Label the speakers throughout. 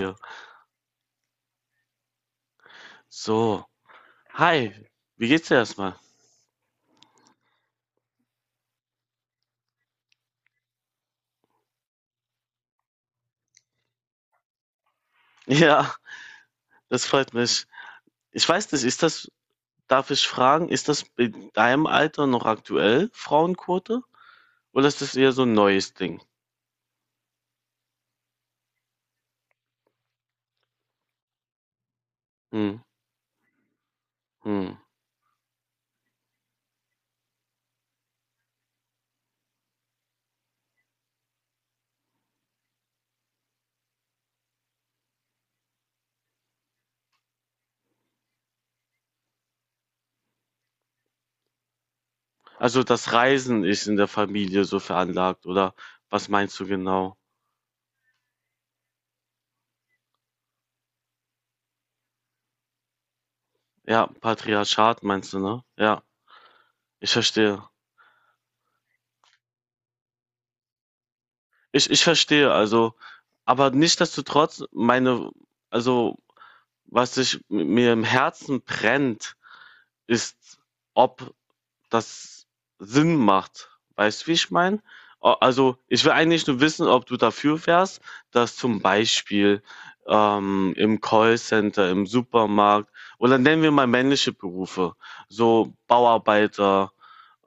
Speaker 1: Ja, so. Hi, wie geht's dir erstmal? Ja, das freut mich. Ich weiß nicht, ist das, darf ich fragen, ist das in deinem Alter noch aktuell, Frauenquote? Oder ist das eher so ein neues Ding? Hm, hm. Also das Reisen ist in der Familie so veranlagt, oder was meinst du genau? Ja, Patriarchat meinst du, ne? Ja, ich verstehe. Ich verstehe, also, aber nichtsdestotrotz, meine, also, was sich mir im Herzen brennt, ist, ob das Sinn macht. Weißt du, wie ich meine? Also, ich will eigentlich nur wissen, ob du dafür wärst, dass zum Beispiel im Callcenter, im Supermarkt oder nennen wir mal männliche Berufe, so Bauarbeiter,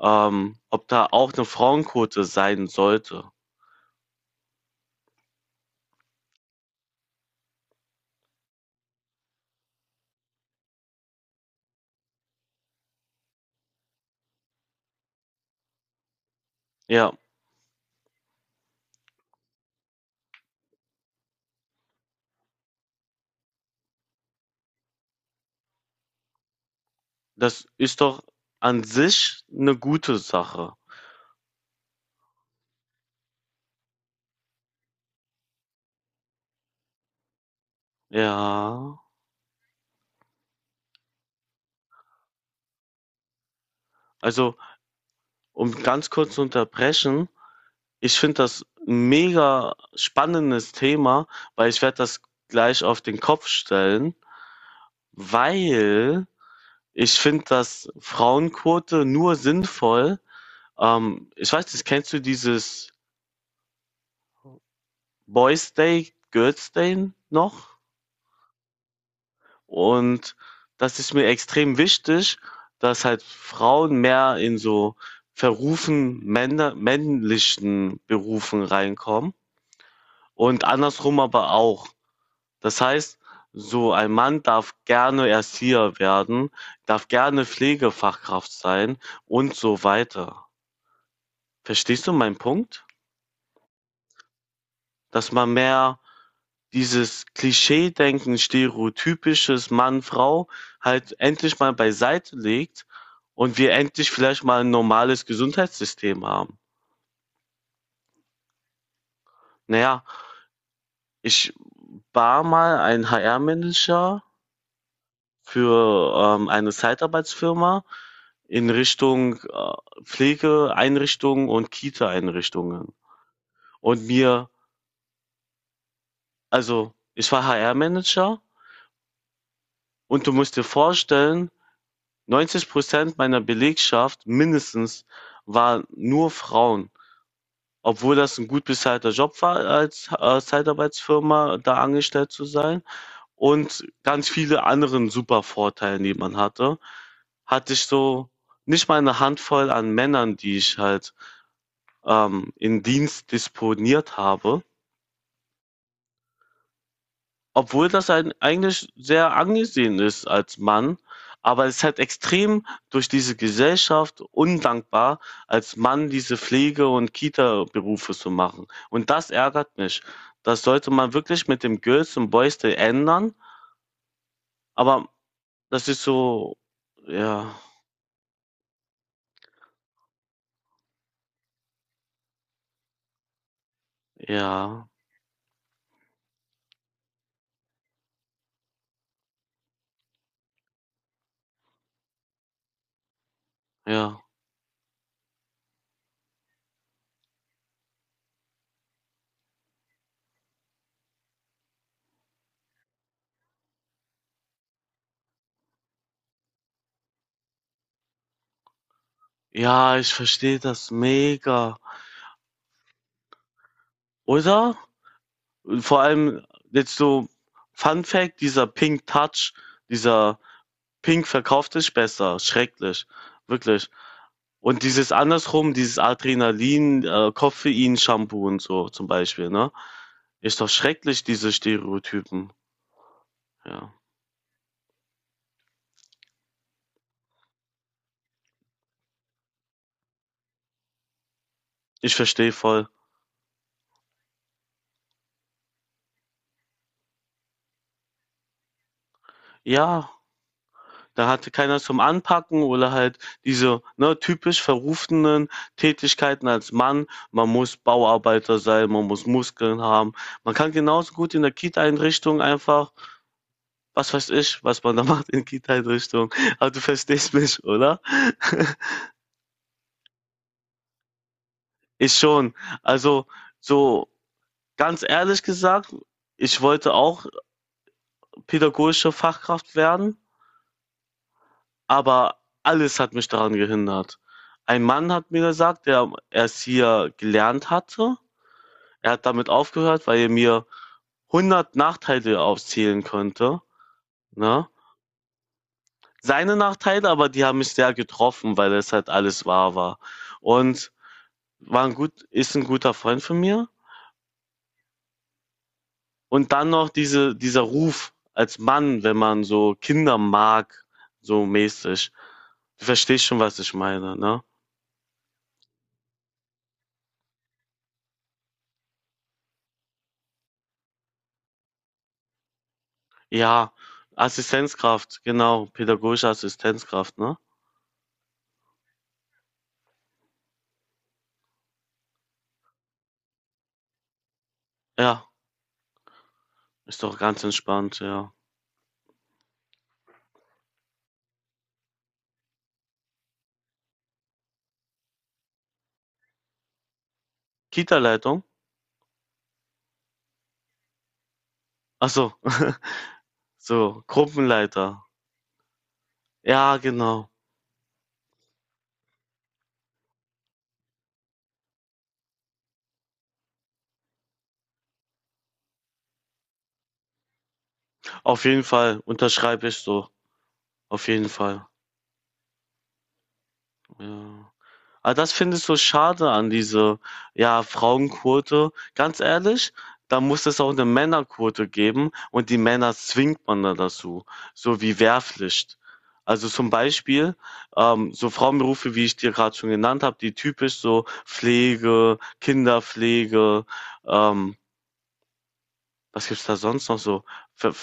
Speaker 1: ob da auch eine Frauenquote sein sollte. Ja, das ist doch an sich eine gute Sache. Ja, also um ganz kurz zu unterbrechen, ich finde das 'n mega spannendes Thema, weil ich werde das gleich auf den Kopf stellen, weil ich finde das Frauenquote nur sinnvoll. Ähm, ich weiß nicht, kennst du dieses Boys' Day, Girls' Day noch? Und das ist mir extrem wichtig, dass halt Frauen mehr in so verrufen männer männlichen Berufen reinkommen und andersrum aber auch. Das heißt, so ein Mann darf gerne Erzieher werden, darf gerne Pflegefachkraft sein und so weiter. Verstehst du meinen Punkt? Dass man mehr dieses Klischee-Denken, stereotypisches Mann-Frau halt endlich mal beiseite legt und wir endlich vielleicht mal ein normales Gesundheitssystem haben. Naja, ich war mal ein HR-Manager für eine Zeitarbeitsfirma in Richtung Pflegeeinrichtungen und Kita-Einrichtungen. Und mir, also ich war HR-Manager und du musst dir vorstellen, 90% meiner Belegschaft mindestens waren nur Frauen, obwohl das ein gut bezahlter Job war, als Zeitarbeitsfirma da angestellt zu sein. Und ganz viele anderen super Vorteile, die man hatte, hatte ich so nicht mal eine Handvoll an Männern, die ich halt in Dienst disponiert habe. Obwohl das ein, eigentlich sehr angesehen ist als Mann, aber es ist halt extrem durch diese Gesellschaft undankbar, als Mann diese Pflege- und Kita-Berufe zu machen. Und das ärgert mich. Das sollte man wirklich mit dem Girls und Boys Day ändern, aber das ist so, ja, ja, ja. Ja, ich verstehe das mega, oder? Vor allem jetzt so Fun Fact, dieser Pink Touch, dieser Pink verkauft sich besser, schrecklich, wirklich. Und dieses andersrum, dieses Adrenalin, Koffein-Shampoo und so zum Beispiel, ne? Ist doch schrecklich, diese Stereotypen. Ja, ich verstehe voll. Ja. Da hatte keiner zum Anpacken oder halt diese, ne, typisch verrufenen Tätigkeiten als Mann. Man muss Bauarbeiter sein, man muss Muskeln haben. Man kann genauso gut in der Kita-Einrichtung einfach, was weiß ich, was man da macht in Kita-Einrichtung. Aber du verstehst mich, oder? Ich schon. Also so ganz ehrlich gesagt, ich wollte auch pädagogische Fachkraft werden. Aber alles hat mich daran gehindert. Ein Mann hat mir gesagt, der es hier gelernt hatte. Er hat damit aufgehört, weil er mir 100 Nachteile aufzählen könnte. Ne? Seine Nachteile, aber die haben mich sehr getroffen, weil es halt alles wahr war. Und war ein gut, ist ein guter Freund von mir. Und dann noch diese, dieser Ruf als Mann, wenn man so Kinder mag, so mäßig. Du verstehst schon, was ich meine, ne? Ja, Assistenzkraft, genau, pädagogische Assistenzkraft, ne? Ja, ist doch ganz entspannt, ja. Kita-Leitung? Ach so, so, Gruppenleiter. Ja, genau. Auf jeden Fall unterschreibe ich so. Auf jeden Fall. Ja. Aber das finde ich so schade an diese, ja, Frauenquote. Ganz ehrlich, da muss es auch eine Männerquote geben und die Männer zwingt man da dazu, so wie Wehrpflicht. Also, zum Beispiel, so Frauenberufe, wie ich dir gerade schon genannt habe, die typisch so Pflege, Kinderpflege, ähm, was gibt's da sonst noch so? Ver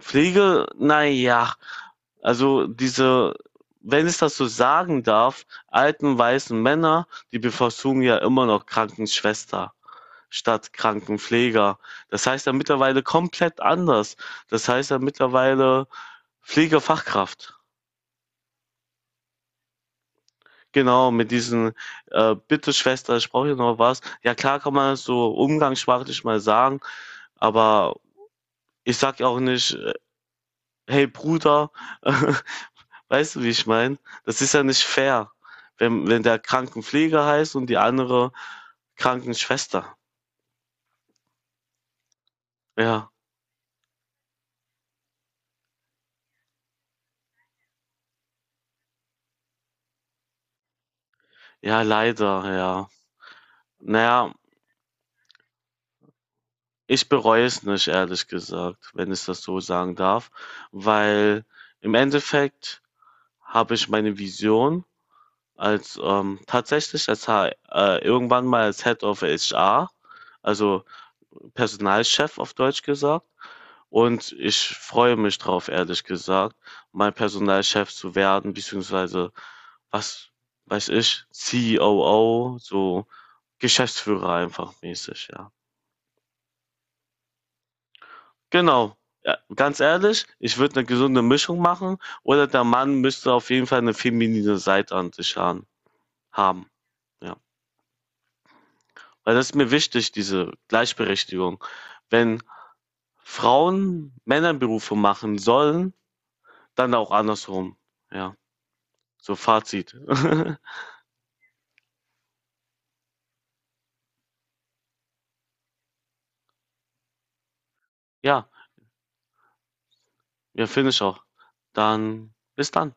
Speaker 1: Pflege, naja, also diese, wenn ich das so sagen darf, alten weißen Männer, die bevorzugen ja immer noch Krankenschwester statt Krankenpfleger. Das heißt ja mittlerweile komplett anders. Das heißt ja mittlerweile Pflegefachkraft. Genau, mit diesen, bitte Schwester, ich brauche hier noch was. Ja klar kann man das so umgangssprachlich mal sagen, aber ich sag ja auch nicht, hey Bruder, äh, weißt du, wie ich meine? Das ist ja nicht fair, wenn der Krankenpfleger heißt und die andere Krankenschwester. Ja, ja, leider, ja. Naja, ich bereue es nicht, ehrlich gesagt, wenn ich das so sagen darf, weil im Endeffekt habe ich meine Vision als, tatsächlich als H irgendwann mal als Head of HR, also Personalchef auf Deutsch gesagt, und ich freue mich drauf, ehrlich gesagt, mein Personalchef zu werden, beziehungsweise, was weiß ich, COO, so Geschäftsführer einfach mäßig, ja. Genau. Ja, ganz ehrlich, ich würde eine gesunde Mischung machen oder der Mann müsste auf jeden Fall eine feminine Seite an sich haben. Ja. Weil das ist mir wichtig, diese Gleichberechtigung. Wenn Frauen Männerberufe machen sollen, dann auch andersrum. Ja, so Fazit. Ja, ja, finde ich auch. Dann bis dann.